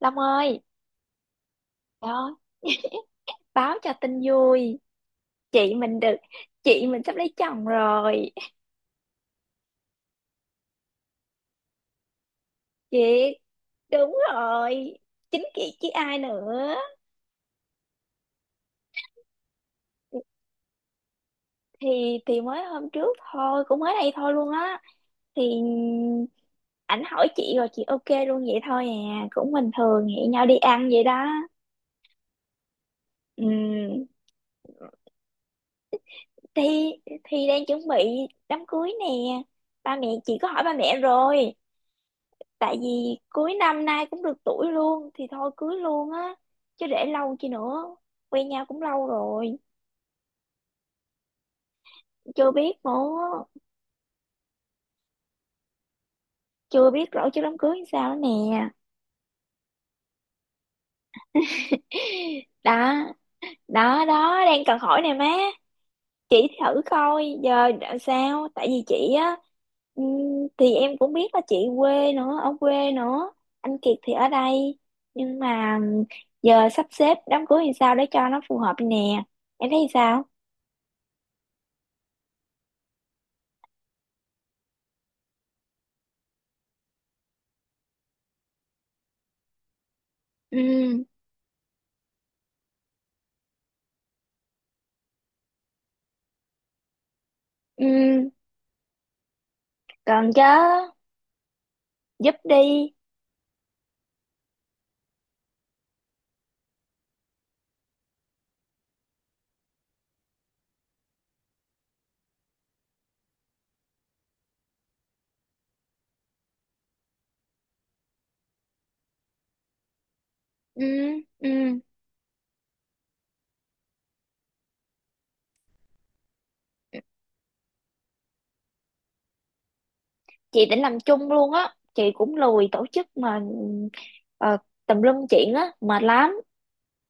Long ơi, đó, báo cho tin vui. Chị mình được, chị mình sắp lấy chồng rồi. Chị, đúng rồi. Chính chị chứ ai nữa. Thì mới hôm trước thôi, cũng mới đây thôi luôn á. Thì ảnh hỏi chị rồi chị ok luôn vậy thôi à. Cũng bình thường hẹn nhau đi ăn vậy đó. Ừ, thì thì đang chuẩn bị đám cưới nè. Ba mẹ chị có hỏi ba mẹ rồi. Tại vì cuối năm nay cũng được tuổi luôn thì thôi cưới luôn á, chứ để lâu chi nữa, quen nhau cũng lâu rồi. Chưa biết nữa, chưa biết rõ chứ đám cưới làm sao nữa nè. Đó, đó đó đang cần hỏi nè má. Chị thử coi giờ làm sao, tại vì chị á, thì em cũng biết là chị quê nữa, ở quê nữa, anh Kiệt thì ở đây, nhưng mà giờ sắp xếp đám cưới thì sao để cho nó phù hợp nè, em thấy sao? Ừ, ừ. Cần chứ, giúp đi. Ừ, ừ. Chị định làm chung luôn á. Chị cũng lười tổ chức mà, ờ, tùm lum chuyện á, mệt lắm.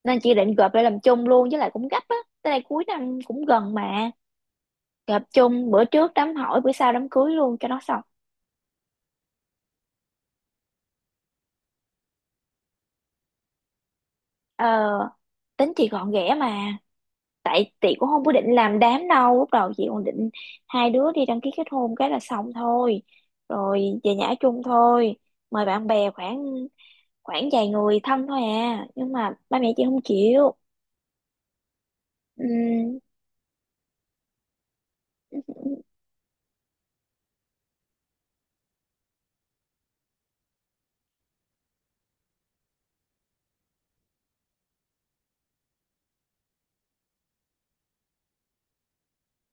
Nên chị định gộp lại làm chung luôn, với lại cũng gấp á. Tới đây cuối năm cũng gần mà. Gộp chung bữa trước đám hỏi, bữa sau đám cưới luôn cho nó xong. Ờ, tính chị gọn ghẽ mà. Tại chị cũng không có định làm đám đâu. Lúc đầu chị còn định hai đứa đi đăng ký kết hôn cái là xong thôi. Rồi về nhà ở chung thôi. Mời bạn bè khoảng khoảng vài người thân thôi à, nhưng mà ba mẹ chị không chịu. Ừm,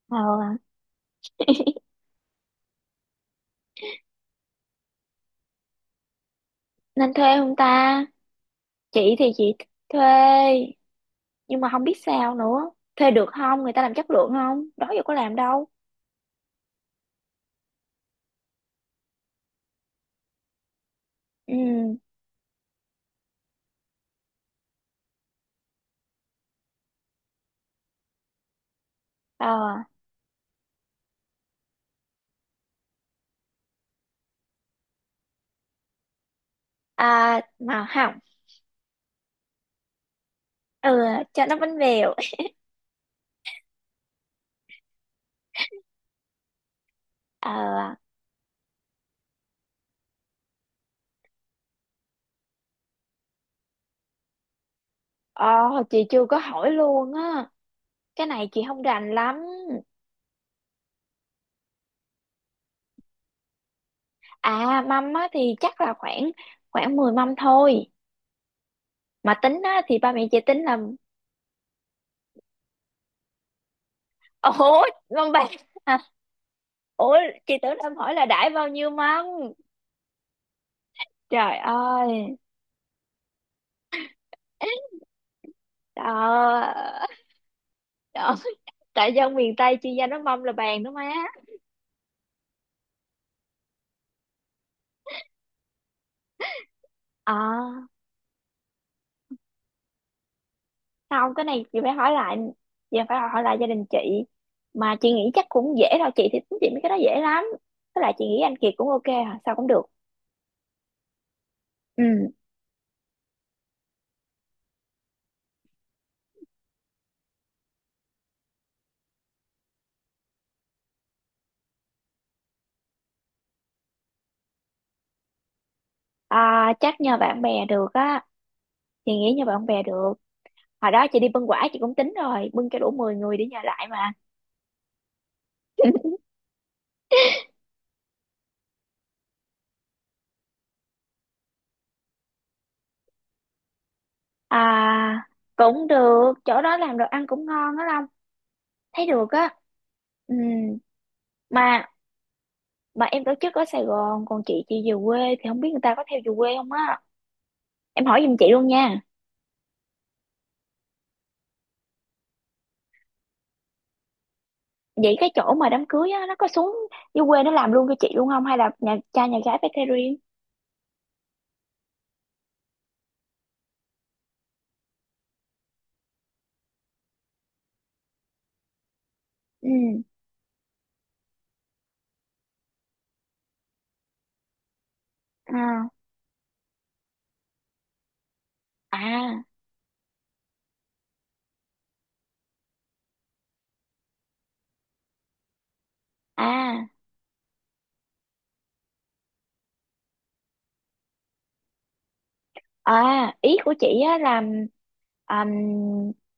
ờ, Nên thuê không ta? Chị thì chị thuê, nhưng mà không biết sao nữa. Thuê được không, người ta làm chất lượng không, đó giờ có làm đâu. Ừm, ờ, mà không, ừ, cho nó bánh bèo. Ờ. Ờ, chị chưa có hỏi luôn á, cái này chị không rành lắm. À, mâm á thì chắc là khoảng khoảng 10 mâm thôi, mà tính á thì ba mẹ chị tính là ủa mâm bạc. À, ủa, chị tưởng em hỏi là đãi bao nhiêu mâm. Trời ơi. Đó, đó. Tại dân miền Tây chuyên gia nó mâm là bàn đó má. À không, cái này chị phải hỏi lại, giờ phải hỏi lại gia đình chị. Mà chị nghĩ chắc cũng dễ thôi, chị thì tính chị mấy cái đó dễ lắm, với lại chị nghĩ anh Kiệt cũng ok, hả sao cũng được. Ừ. À, chắc nhờ bạn bè được á, chị nghĩ nhờ bạn bè được. Hồi đó chị đi bưng quả chị cũng tính rồi, bưng cho đủ 10 người để nhờ lại mà. À, cũng được, chỗ đó làm đồ ăn cũng ngon á Long, thấy được á. Ừ, mà mà em tổ chức ở Sài Gòn, còn chị về quê thì không biết người ta có theo về quê không á. Em hỏi giùm chị luôn nha. Vậy cái chỗ mà đám cưới á, nó có xuống dưới quê nó làm luôn cho chị luôn không hay là nhà cha nhà gái phải thuê riêng? Ừ. À, à, à, Ý của chị á là, um,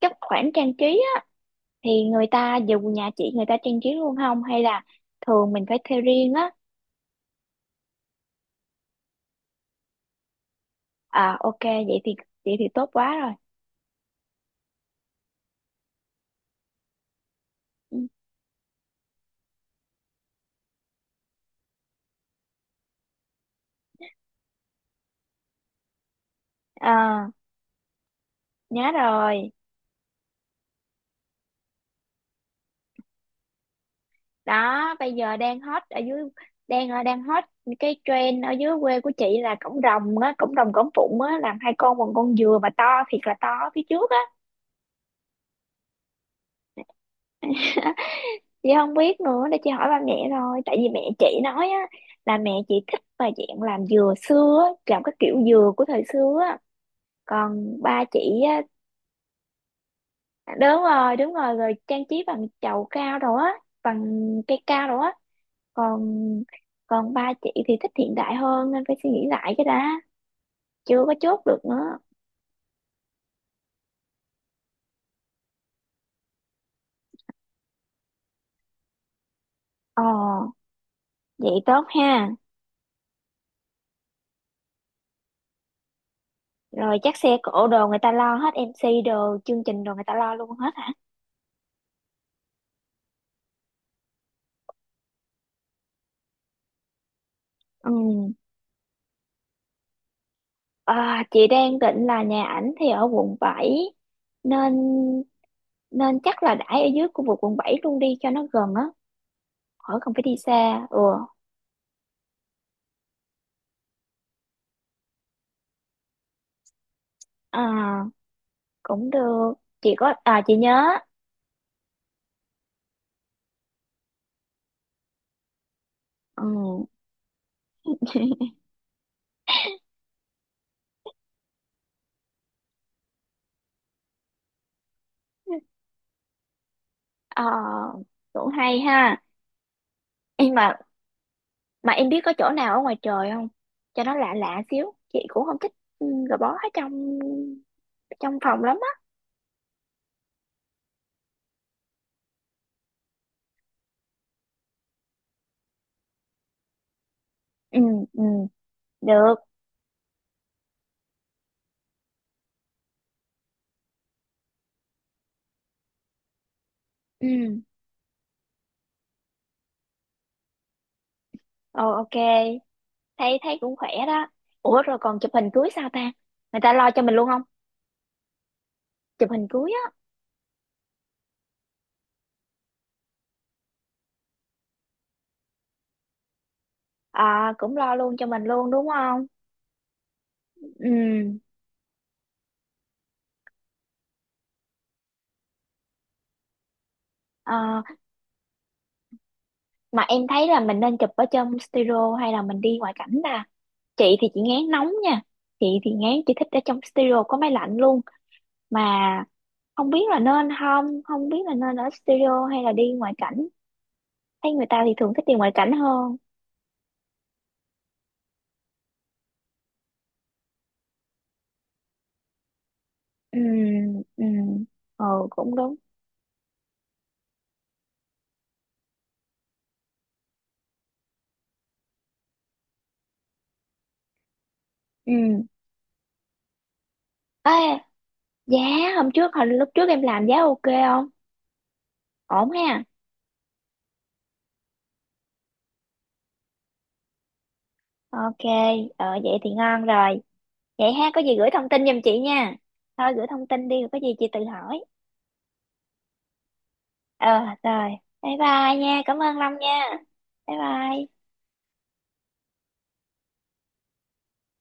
các khoản trang trí á, thì người ta dù nhà chị người ta trang trí luôn không hay là thường mình phải thuê riêng á? À ok, vậy thì tốt quá rồi. Ừ. À, nhớ rồi. Đó, bây giờ đang hot ở dưới, đang hot. Cái trend ở dưới quê của chị là cổng rồng á, cổng rồng cổng phụng á, làm hai con bằng con dừa mà to thiệt là to ở phía trước á. Chị không biết nữa, để chị hỏi ba mẹ thôi, tại vì mẹ chị nói á, là mẹ chị thích mà dạng làm dừa xưa, á, làm cái kiểu dừa của thời xưa á. Còn ba chị á, đúng rồi đúng rồi, rồi trang trí bằng chậu cao đồ á, bằng cây cao đồ á, còn còn ba chị thì thích hiện đại hơn nên phải suy nghĩ lại cái đã, chưa có chốt được nữa. Ồ, vậy tốt ha. Rồi chắc xe cộ đồ người ta lo hết, em xê đồ chương trình đồ người ta lo luôn hết hả? Ừ. À, chị đang định là nhà ảnh thì ở quận 7, nên nên chắc là đãi ở dưới khu vực quận 7 luôn đi cho nó gần á, khỏi cần phải đi xa. Ừ. À, cũng được. Chị có, à chị nhớ. Ừ. À, cũng hay ha. Em mà em biết có chỗ nào ở ngoài trời không, cho nó lạ lạ xíu, chị cũng không thích, ừ, gò bó ở trong trong phòng lắm á. Ừ. Ừ. Được. Ừ. Ồ, ok. Thấy thấy cũng khỏe đó. Ủa rồi còn chụp hình cưới sao ta? Người ta lo cho mình luôn không? Chụp hình cưới á? À, cũng lo luôn cho mình luôn đúng không? Ừ. Ờ, mà em thấy là mình nên chụp ở trong studio hay là mình đi ngoại cảnh ta? Chị thì chị ngán nóng nha, chị thì ngán, chị thích ở trong studio có máy lạnh luôn. Mà không biết là nên, không không biết là nên ở studio hay là đi ngoại cảnh. Thấy người ta thì thường thích đi ngoại cảnh hơn. Ừ. Ừ. Ừ. Cũng đúng. Ừ. Ê, giá, hôm trước hồi lúc trước em làm giá ok không? Ổn ha? Ok. Vậy thì ngon rồi. Vậy ha, có gì gửi thông tin giùm chị nha. Thôi gửi thông tin đi, rồi có gì chị tự hỏi. Ờ, rồi, bye bye nha, cảm ơn Long nha. Bye bye.